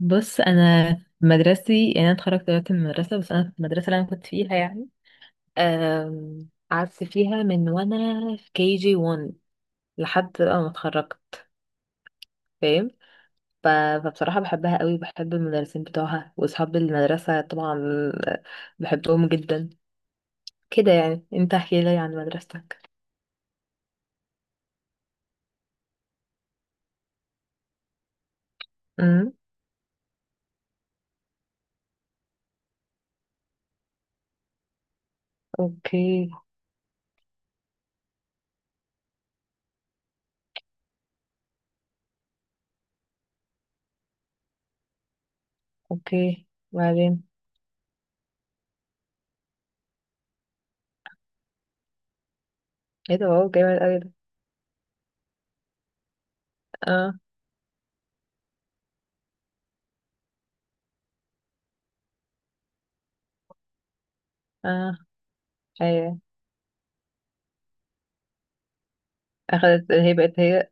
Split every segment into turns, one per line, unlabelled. بص، انا مدرستي يعني انا اتخرجت دلوقتي من المدرسه، بس انا في المدرسه اللي انا كنت فيها يعني، قعدت فيها من وانا في كي جي 1 لحد بقى ما اتخرجت، فاهم؟ ف- فبصراحه بحبها قوي وبحب المدرسين بتوعها واصحاب المدرسه طبعا، آه، بحبهم جدا. كده يعني، انت احكي لي عن مدرستك. امم. اوكي. اوكي، وبعدين؟ ايه ده، واو جامد قوي ده. اه، اه، ايوه. اخدت هي، بقت هي.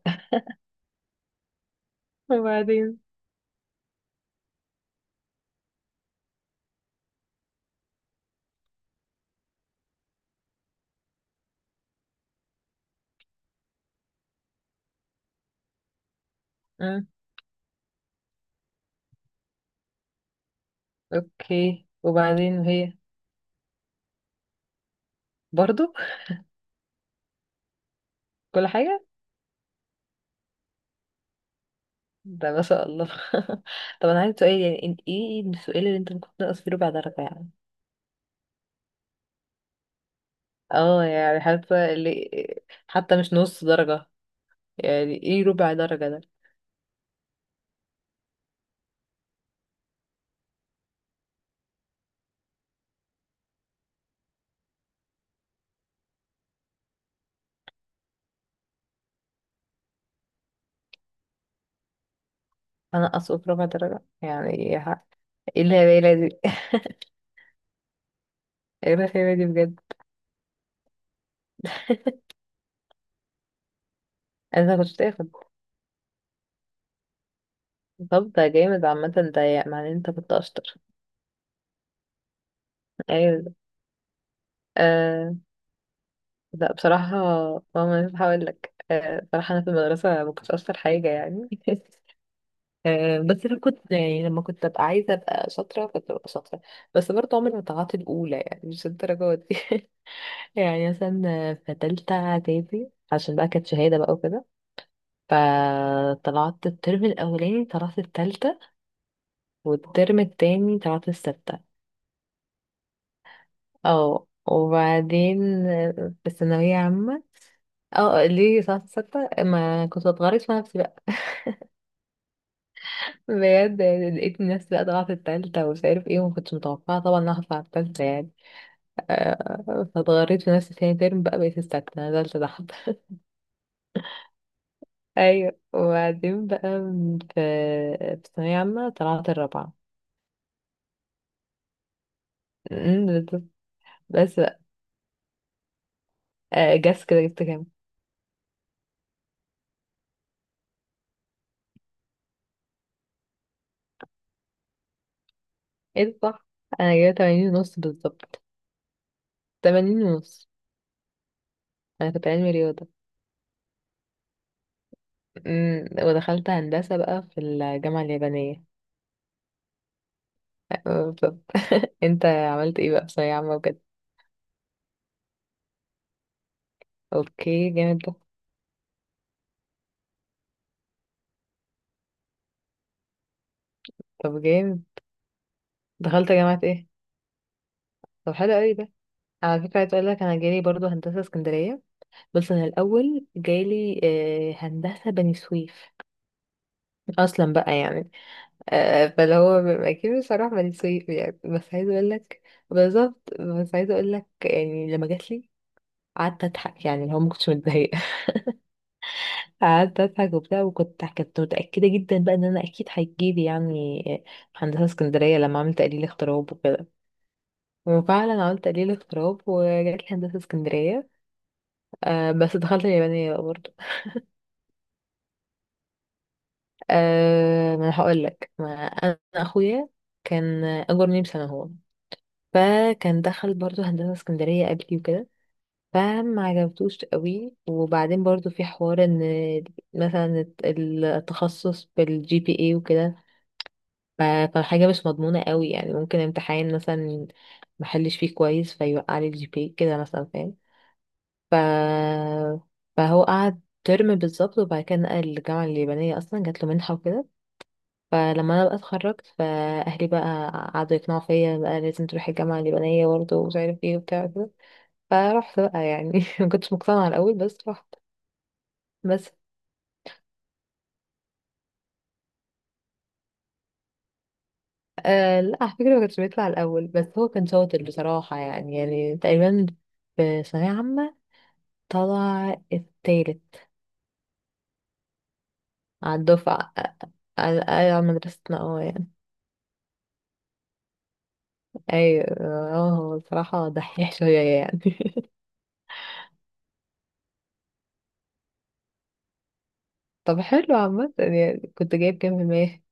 وبعدين؟ اوكي، وبعدين هي؟ برضو. كل حاجة. ده ما شاء الله. طب انا عايز سؤال يعني، ايه السؤال اللي انت ممكن تنقص فيه ربع درجة يعني؟ اه يعني، حتى مش نص درجة، يعني ايه ربع درجة ده؟ هنقصه بربع درجة يعني ايه إيه الهبالة دي؟ ايه الهبالة دي بجد؟ انا كنت تاخد. طب ده جامد عامة ده، يعني معناه إن انت كنت اشطر. ايوه. آه، لا بصراحة. ماما مش هقول لك، بصراحة أنا في المدرسة ما كنتش أشطر حاجة يعني. بس أنا كنت يعني لما كنت أبقى عايزة أبقى شاطرة كنت ببقى شاطرة، بس برضه عمري ما طلعت الأولى يعني، مش الدرجة دي. يعني مثلا في تالتة إعدادي، عشان بقى كانت شهادة بقى وكده، فطلعت الترم الأولاني طلعت التالتة، والترم التاني طلعت الستة. اه، وبعدين في الثانوية عامة. اه ليه طلعت الستة؟ ما كنت بتغرس في نفسي بقى، بجد يعني. لقيت الناس بقى طالعة في التالتة ومش عارف ايه، وما كنتش متوقعة طبعا ان أنا هطلع التالتة يعني. فاتغريت في نفسي تاني ترم بقى، بقيت السادسة نزلت تحت. ايوه، وبعدين بقى في ثانوية عامة طلعت الرابعة. أمم، بالظبط. بس بقى، جس كده جبت كام؟ ايه ده، صح. انا جايبة تمانين ونص بالظبط. تمانين ونص. انا كنت علمي رياضة. أمم، ودخلت هندسة بقى في الجامعة اليابانية. بالظبط. انت عملت ايه بقى في ثانوية عامة وكده؟ اوكي جامد. طب جامد. دخلت جامعة ايه؟ طب حلو قوي ده. على فكرة عايز اقول لك انا جالي برضو هندسة اسكندرية، بس انا الاول جالي، هندسة بني سويف، اصلا بقى يعني. فاللي هو بيبقى اكيد بصراحة بني سويف يعني، بس عايز اقول لك، بالظبط بس عايز اقول لك يعني لما جات لي قعدت اضحك يعني اللي هو ما كنتش متضايقة. قعدت اضحك وبتاع، وكنت متأكدة جدا بقى ان انا اكيد هيجيلي يعني هندسة اسكندرية لما عملت تقليل اغتراب وكده. وفعلا عملت تقليل اضطراب وجات لي هندسة اسكندرية. أه بس دخلت اليابانية بقى برضه. أه ما انا هقول لك، ما انا اخويا كان اجرني بسنة هو. فكان دخل برضه هندسة اسكندرية قبلي وكده، فما عجبتوش قوي. وبعدين برضه في حوار ان مثلا التخصص بالجي بي اي وكده، ف- فحاجة مش مضمونة قوي يعني، ممكن امتحان مثلا محلش فيه كويس فيوقع لي الجي بي كده مثلا، فاهم؟ ف... فهو قعد ترم بالظبط، وبعد كده نقل الجامعة اليابانية أصلا جات له منحة وكده. فلما أنا بقى اتخرجت، فأهلي بقى قعدوا يقنعوا فيا بقى لازم تروحي الجامعة اليابانية برضه، ومش عارف ايه وبتاع كده. فرحت بقى يعني، مكنتش مقتنعة الأول بس رحت. بس. آه لا، على فكرة مكنتش بيطلع الأول، بس هو كان شاطر بصراحة يعني، يعني تقريبا في ثانوية عامة طلع التالت على الدفعة. على على مدرستنا اه يعني. ايوه، اه هو بصراحة دحيح شوية يعني. طب حلو عامة يعني، كنت جايب كام في المية؟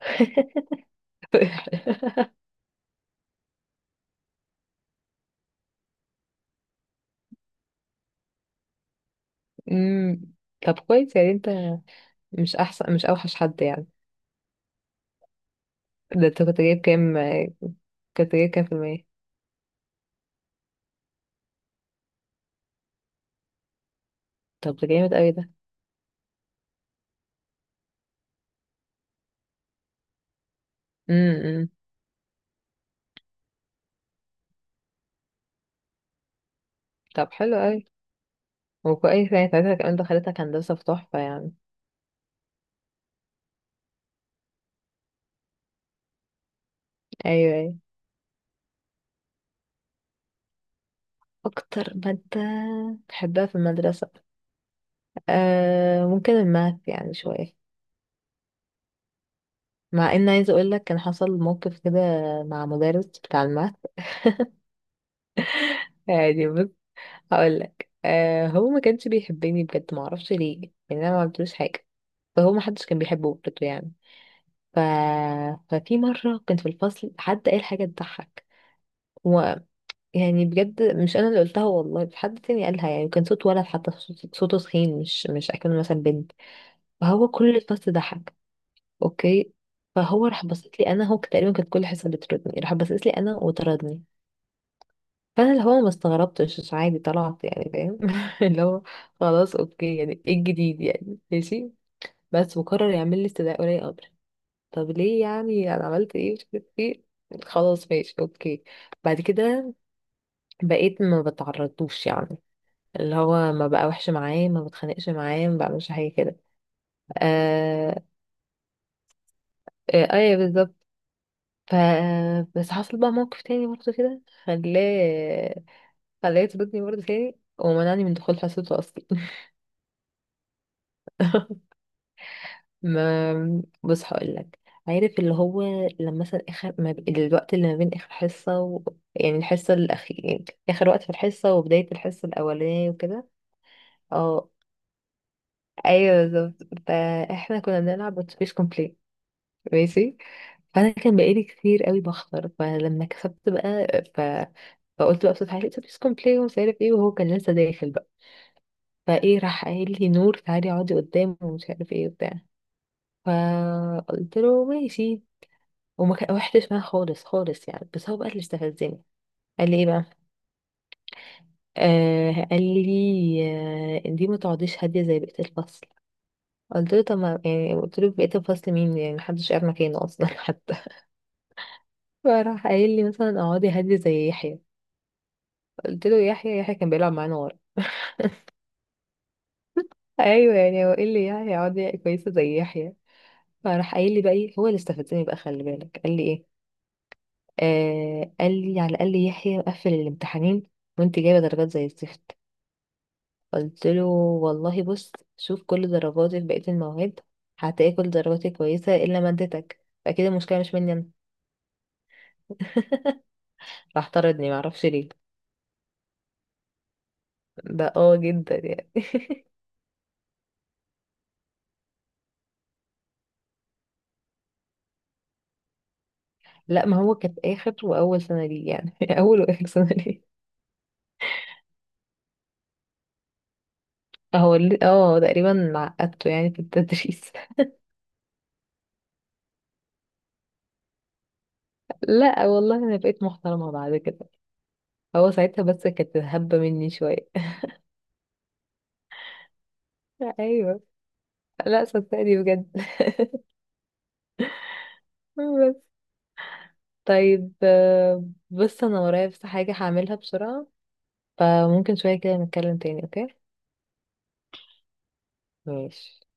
أمم. طب كويس يعني، انت مش احسن مش اوحش حد يعني. ده انت كنت جايب كام؟ كنت جايب كام في المية؟ طب ده جامد اوي ده. امم. طب حلو اوي. وكويس يعني ساعتها كمان دخلتك هندسة في تحفة يعني. ايوه ايوه. اكتر مادة بحبها في المدرسة آه، ممكن الماث يعني شوية. مع ان عايزه اقول لك كان حصل موقف كده مع مدرس بتاع الماث. يعني بص، هقول لك. آه هو ما كانش بيحبني بجد، ما اعرفش ليه يعني، انا ما عملتلوش حاجه. فهو ما حدش كان بيحبه برضه يعني. ف... ففي مره كنت في الفصل، حد قال حاجه تضحك و... يعني بجد مش انا اللي قلتها والله، في حد تاني قالها يعني، كان صوت ولد حتى، صوته تخين، مش اكنه مثلا بنت. فهو كل الفصل ضحك. اوكي. فهو راح بصيت لي انا، هو تقريبا كانت كل حصه بتردني، راح بصيت لي انا وطردني. فانا اللي هو ما استغربتش، عادي طلعت يعني، فاهم؟ اللي هو خلاص اوكي، يعني ايه الجديد يعني؟ ماشي. بس وقرر يعمل لي استدعاء ولي امر. طب ليه يعني، انا عملت ايه مش عارف ايه؟ خلاص ماشي اوكي. بعد كده بقيت ما بتعرضوش يعني، اللي هو ما بقى وحش معاه، ما بتخانقش معاه، ما بعملش حاجه كده. آه. آه ايوه بالظبط. ف بس حصل بقى موقف تاني برضه كده خلاه يطردني برضه تاني، ومنعني من دخول حصته اصلا. ما بص هقول لك، عارف اللي هو لما مثلا اخر ما ب... الوقت اللي ما بين اخر حصه يعني الحصه الاخير يعني، اخر وقت في الحصه وبدايه الحصه الاولانيه وكده. اه ايوه بالظبط. فاحنا كنا بنلعب اتوبيس كومبليت. ماشي. فانا كان بقالي كتير قوي بخسر، فلما كسبت بقى فقلت بقى بصوت عالي اتوبيس كومبليت ومش عارف ايه، وهو كان لسه داخل بقى. فايه راح قايل لي نور تعالي اقعدي قدام ومش عارف ايه وبتاع. فقلت له ماشي، روحتش معاه خالص خالص يعني، بس هو بقى اللي استفزني. قال لي ايه بقى؟ قال لي، دي ما تقعديش هاديه زي بقيه الفصل. قلت له طب ما يعني، قلت له بقيه الفصل مين يعني؟ محدش قاعد مكانه اصلا حتى فراح قايل لي مثلا اقعدي هاديه زي يحيى. قلت له يحيى؟ يحيى كان بيلعب معانا ورا. ايوه يعني، هو ايه اللي يحيى اقعدي كويسه زي يحيى؟ فراح قايل لي بقى ايه، هو اللي استفزني بقى خلي بالك، قال لي ايه؟ قال لي على الاقل يحيى قفل الامتحانين، وانت جايبه درجات زي الزفت. قلت له والله بص، شوف كل درجاتي في بقية المواد، هتلاقي كل درجاتي كويسة إلا مادتك، فأكيد المشكلة مش مني أنا. راح طردني معرفش ليه. ده اه جدا يعني. لا ما هو كانت آخر وأول سنة ليه يعني، أول وآخر سنة ليه. اه تقريبا عقدته يعني في التدريس. لا والله أنا بقيت محترمة بعد كده، هو ساعتها بس كانت هبة مني شوية. أيوه. لا صدقني بجد. بس. طيب، بص انا ورايا بس حاجة هعملها بسرعة، فممكن شوية كده نتكلم تاني، اوكي؟ ماشي.